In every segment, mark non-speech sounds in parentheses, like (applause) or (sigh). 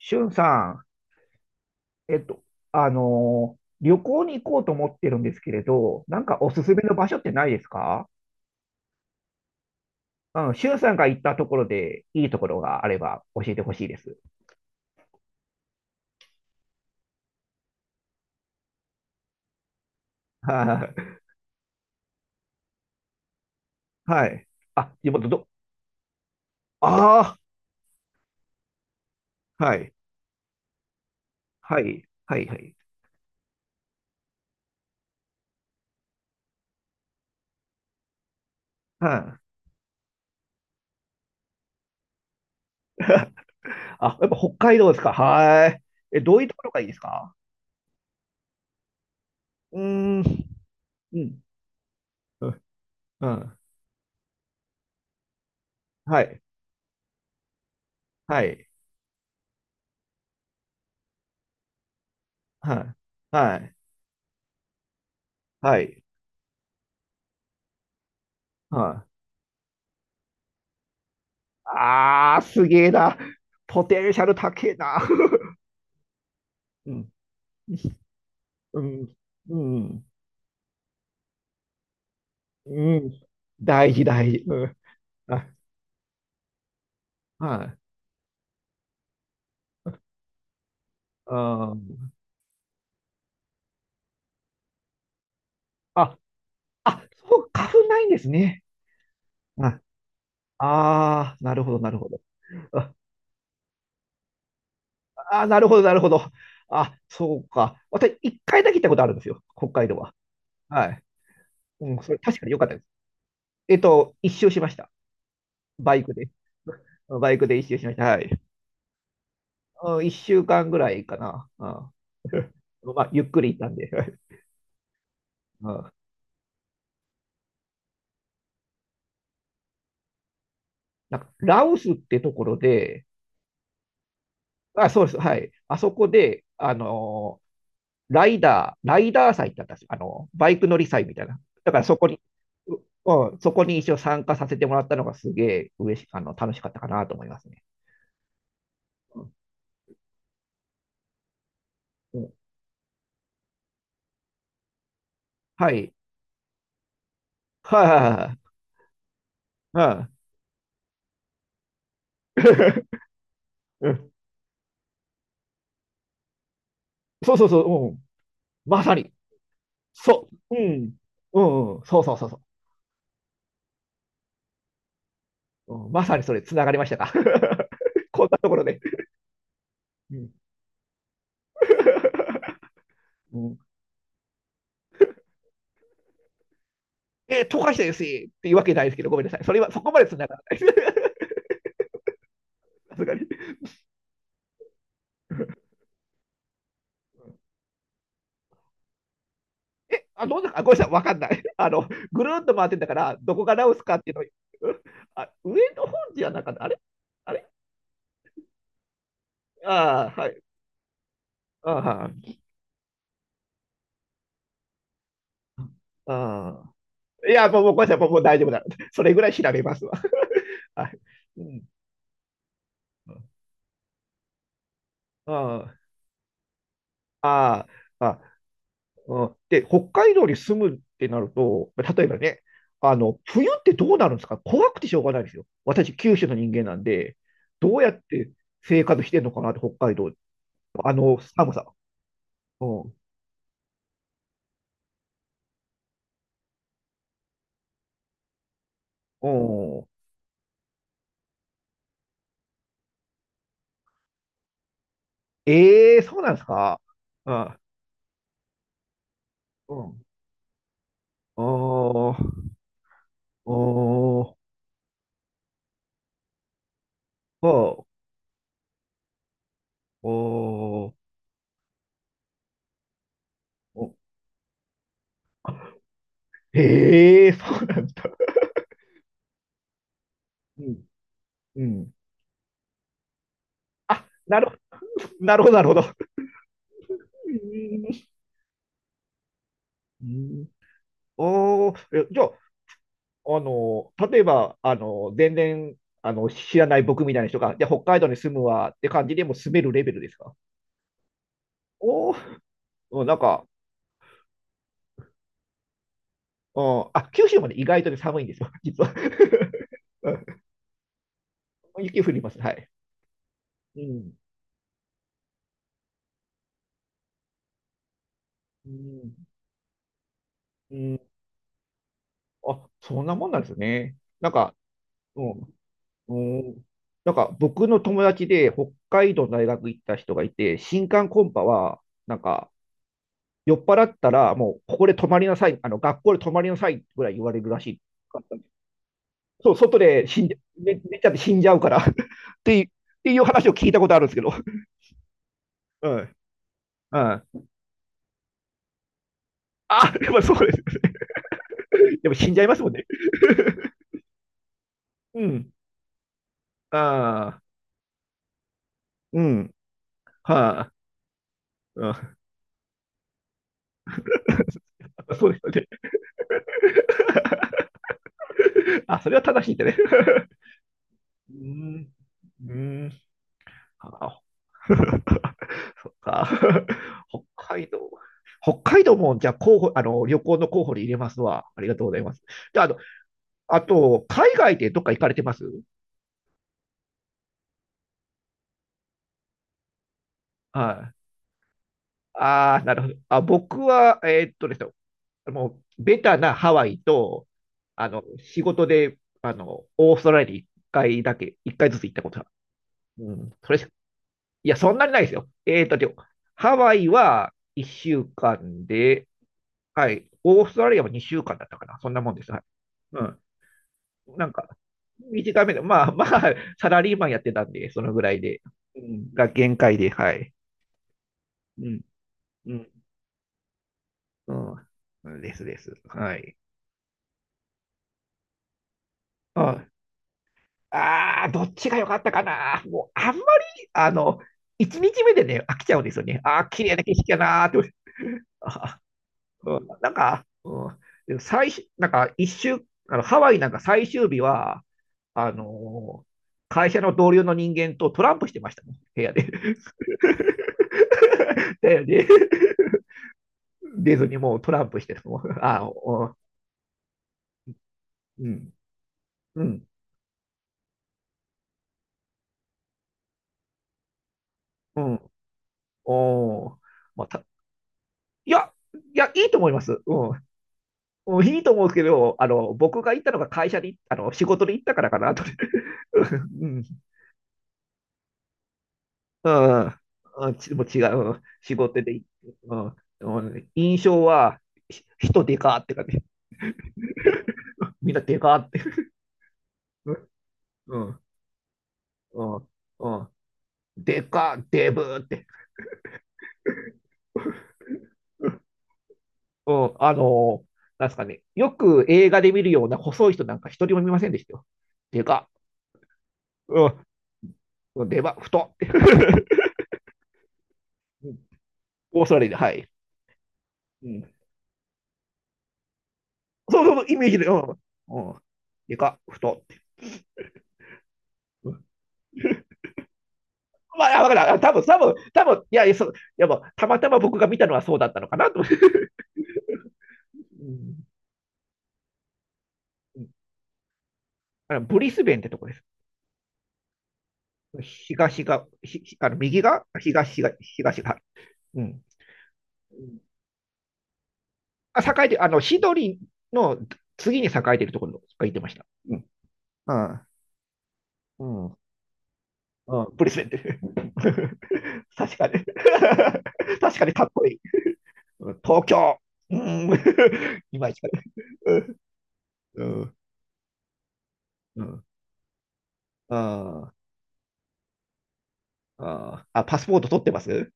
しゅんさん、旅行に行こうと思ってるんですけれど、なんかおすすめの場所ってないですか？うん、しゅんさんが行ったところでいいところがあれば教えてほしいです。(laughs) はい。はい。あ、地元ど、ああ、はい。はい。はい。はい。うん。あ、やっぱ北海道ですか？はい。え、どういうところがいいですか？うーん。うん。うん。はい。はい。はい。はい。はい。はい。ああ、すげえな。ポテンシャル高えな。(laughs) うん、うん、うん、うん。大事、大事。うん。あ、はい。あーあ、あ、そう、花粉ないんですね。ああー、なるほど、なるほど。ああー、なるほど、なるほど。あ、そうか。私、一回だけ行ったことあるんですよ、北海道は。はい。うん、それ確かに良かったです。一周しました。バイクで。バイクで一周しました。はい。うん、1週間ぐらいかな。うん (laughs) まあ、ゆっくり行ったんで。(laughs) うん、なんかラオスってところで、あ、そうです、はい。あそこで、ライダー祭ってあったんですよ。あの、バイク乗り祭みたいな。だからそこに、う、うん、そこに一応参加させてもらったのがすげえ嬉し、あの、楽しかったかなと思いますね。うん、うん、はい。はいはいはいはい。うん (laughs) うん、そうそうそう、うん。まさに。そう。うん。うん、うん。そうそうそうそう。うん、まさにそれ、つながりましたか。(laughs) こんなところで。うん、うん、えー、溶かしてですしっていうわけないですけど、ごめんなさい。それはそこまでつながらないです。(laughs) さすがに。あ、どうだか、ごめんなさい、わかんない。あの、ぐるっと回ってんだから、どこが直すかっていうのを、あ、上の方じゃなかった。あれ？あれ？ああ、はい。ああ、はい。ああ。いや、もう、ごめんなさい、もう大丈夫だ。それぐらい調べますわ。はい。うん。あ。ああ。あ、うん、で、北海道に住むってなると、例えばね、あの冬ってどうなるんですか？怖くてしょうがないですよ。私、九州の人間なんで、どうやって生活してんのかなって、北海道、あの寒さ。うん、うん、ええー、そうなんですか。うん、うん、おー、おー、おー、おー、お、ええー、そうなんです。うん、うん。あ、なるほど、なるほど、なるほど。うん、うん、おー、え、じゃあ、あの、例えば、あの、全然、あの、知らない僕みたいな人が、じゃあ北海道に住むわって感じでもう住めるレベルですか？おおー、うん、なんか、うん、あ、九州まで意外とね、寒いんですよ、実は。(laughs) うん、雪降ります、はい。うん、うん、うん。あ、そんなもんなんですね。なんか、うん、うん。なんか、僕の友達で北海道の大学行った人がいて、新歓コンパは、なんか、酔っ払ったら、もうここで泊まりなさい、あの学校で泊まりなさいぐらい言われるらしい。そう、外で死んじゃ寝ちゃって死んじゃうから (laughs) っていう、っていう話を聞いたことあるんですけど。うん。うん。あ、やっぱそうですよね。(laughs) やっぱ死んじゃいますもんね。(laughs) うん。ああ。うん。はあ。うん、(laughs) そうですよね。(laughs) あ、それは正しいんだね。(laughs) うーん。うーん。あ (laughs) そっか。(laughs) 北海道。北海道も、じゃあ、候補、あの、旅行の候補に入れますわ。ありがとうございます。じゃあ、あの、あと、海外でどっか行かれてます？はい。ああ、なるほど。あ、僕は、ですね、もう、ベタなハワイと、あの、仕事で、あの、オーストラリアに一回だけ、一回ずつ行ったことが、うん、それし、いや、そんなにないですよ。でもハワイは1週間で、はい、オーストラリアも2週間だったかな、そんなもんです。はい、うん、なんか、短めで、まあ (laughs) まあ、サラリーマンやってたんで、そのぐらいで、うん、が限界で、はい。うん、うん、うん、ですです。はい。うん、ああ、どっちが良かったかな。もう、あんまり、あの、1日目でね、飽きちゃうんですよね。ああ、綺麗な景色やなーって。うん、なんか、うん、最終、なんか一週、あのハワイなんか最終日は、あのー会社の同僚の人間とトランプしてましたもん、部屋で。(laughs) だよね。出ずにもうトランプしてるもん。あ、お、うん、うん、うん、お、まあ、た、いや、いや、いいと思います。うん。うん、いいと思うんですけど、あの、僕が行ったのが会社に、あの、仕事で行ったからかなと。(laughs) うん。うん、うんち、もう違う、うん仕事で、うん、うん印象は、ひ、人でかって感じ、みんなでかって、うん、うん、うん、でか、デブって、うん、なんすかね、よく映画で見るような細い人なんか一人も見ませんでしたよ。でか、うん、でか、太って。(laughs) うん、オーストラリアで、はい。うん、そうそうそう、イメージで、うん、うん、でか、太って。まあ、あ、わかる。多分、いや、いや、そういやもうたまたま僕が見たのはそうだったのかなと思って。うん、あのブリスベンってとこです。東が、ひ、ひ、あの右が東が、東が、うん。あ、栄えて、あの、シドリの次に栄えてるところが言ってました。うん。ああ、うん。うん。ブリスベンって。(laughs) 確かに。(laughs) 確かにかっこいい。東京。うん。(laughs) いまいちかね。うん。うん。ああ。あーあ、パスポート取ってます？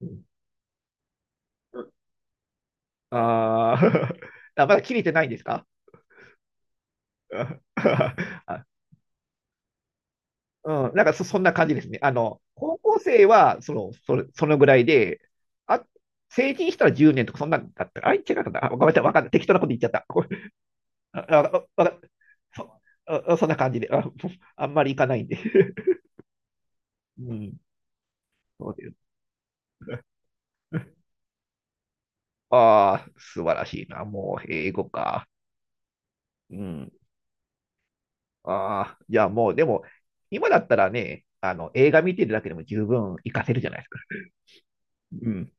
うん、あー (laughs) あ、まだ切れてないんですか？うん (laughs) あ、うん、なんかそ、そんな感じですね。あの、高校生はその、それ、そのぐらいで、あ、成人したら10年とかそんなんだったか。あ、違うかった。あ、ごめんなさい、わかんない。適当なこと言っちゃった。(laughs) ごめん、あ、あ、わか、そ、あ、そんな感じで、あ、あんまりいかないんで。(laughs) うん、そうです。ああ、素晴らしいな。もう、英語か。うん。ああ、いや、もう、でも、今だったらね、あの、映画見てるだけでも十分活かせるじゃないですか。うん。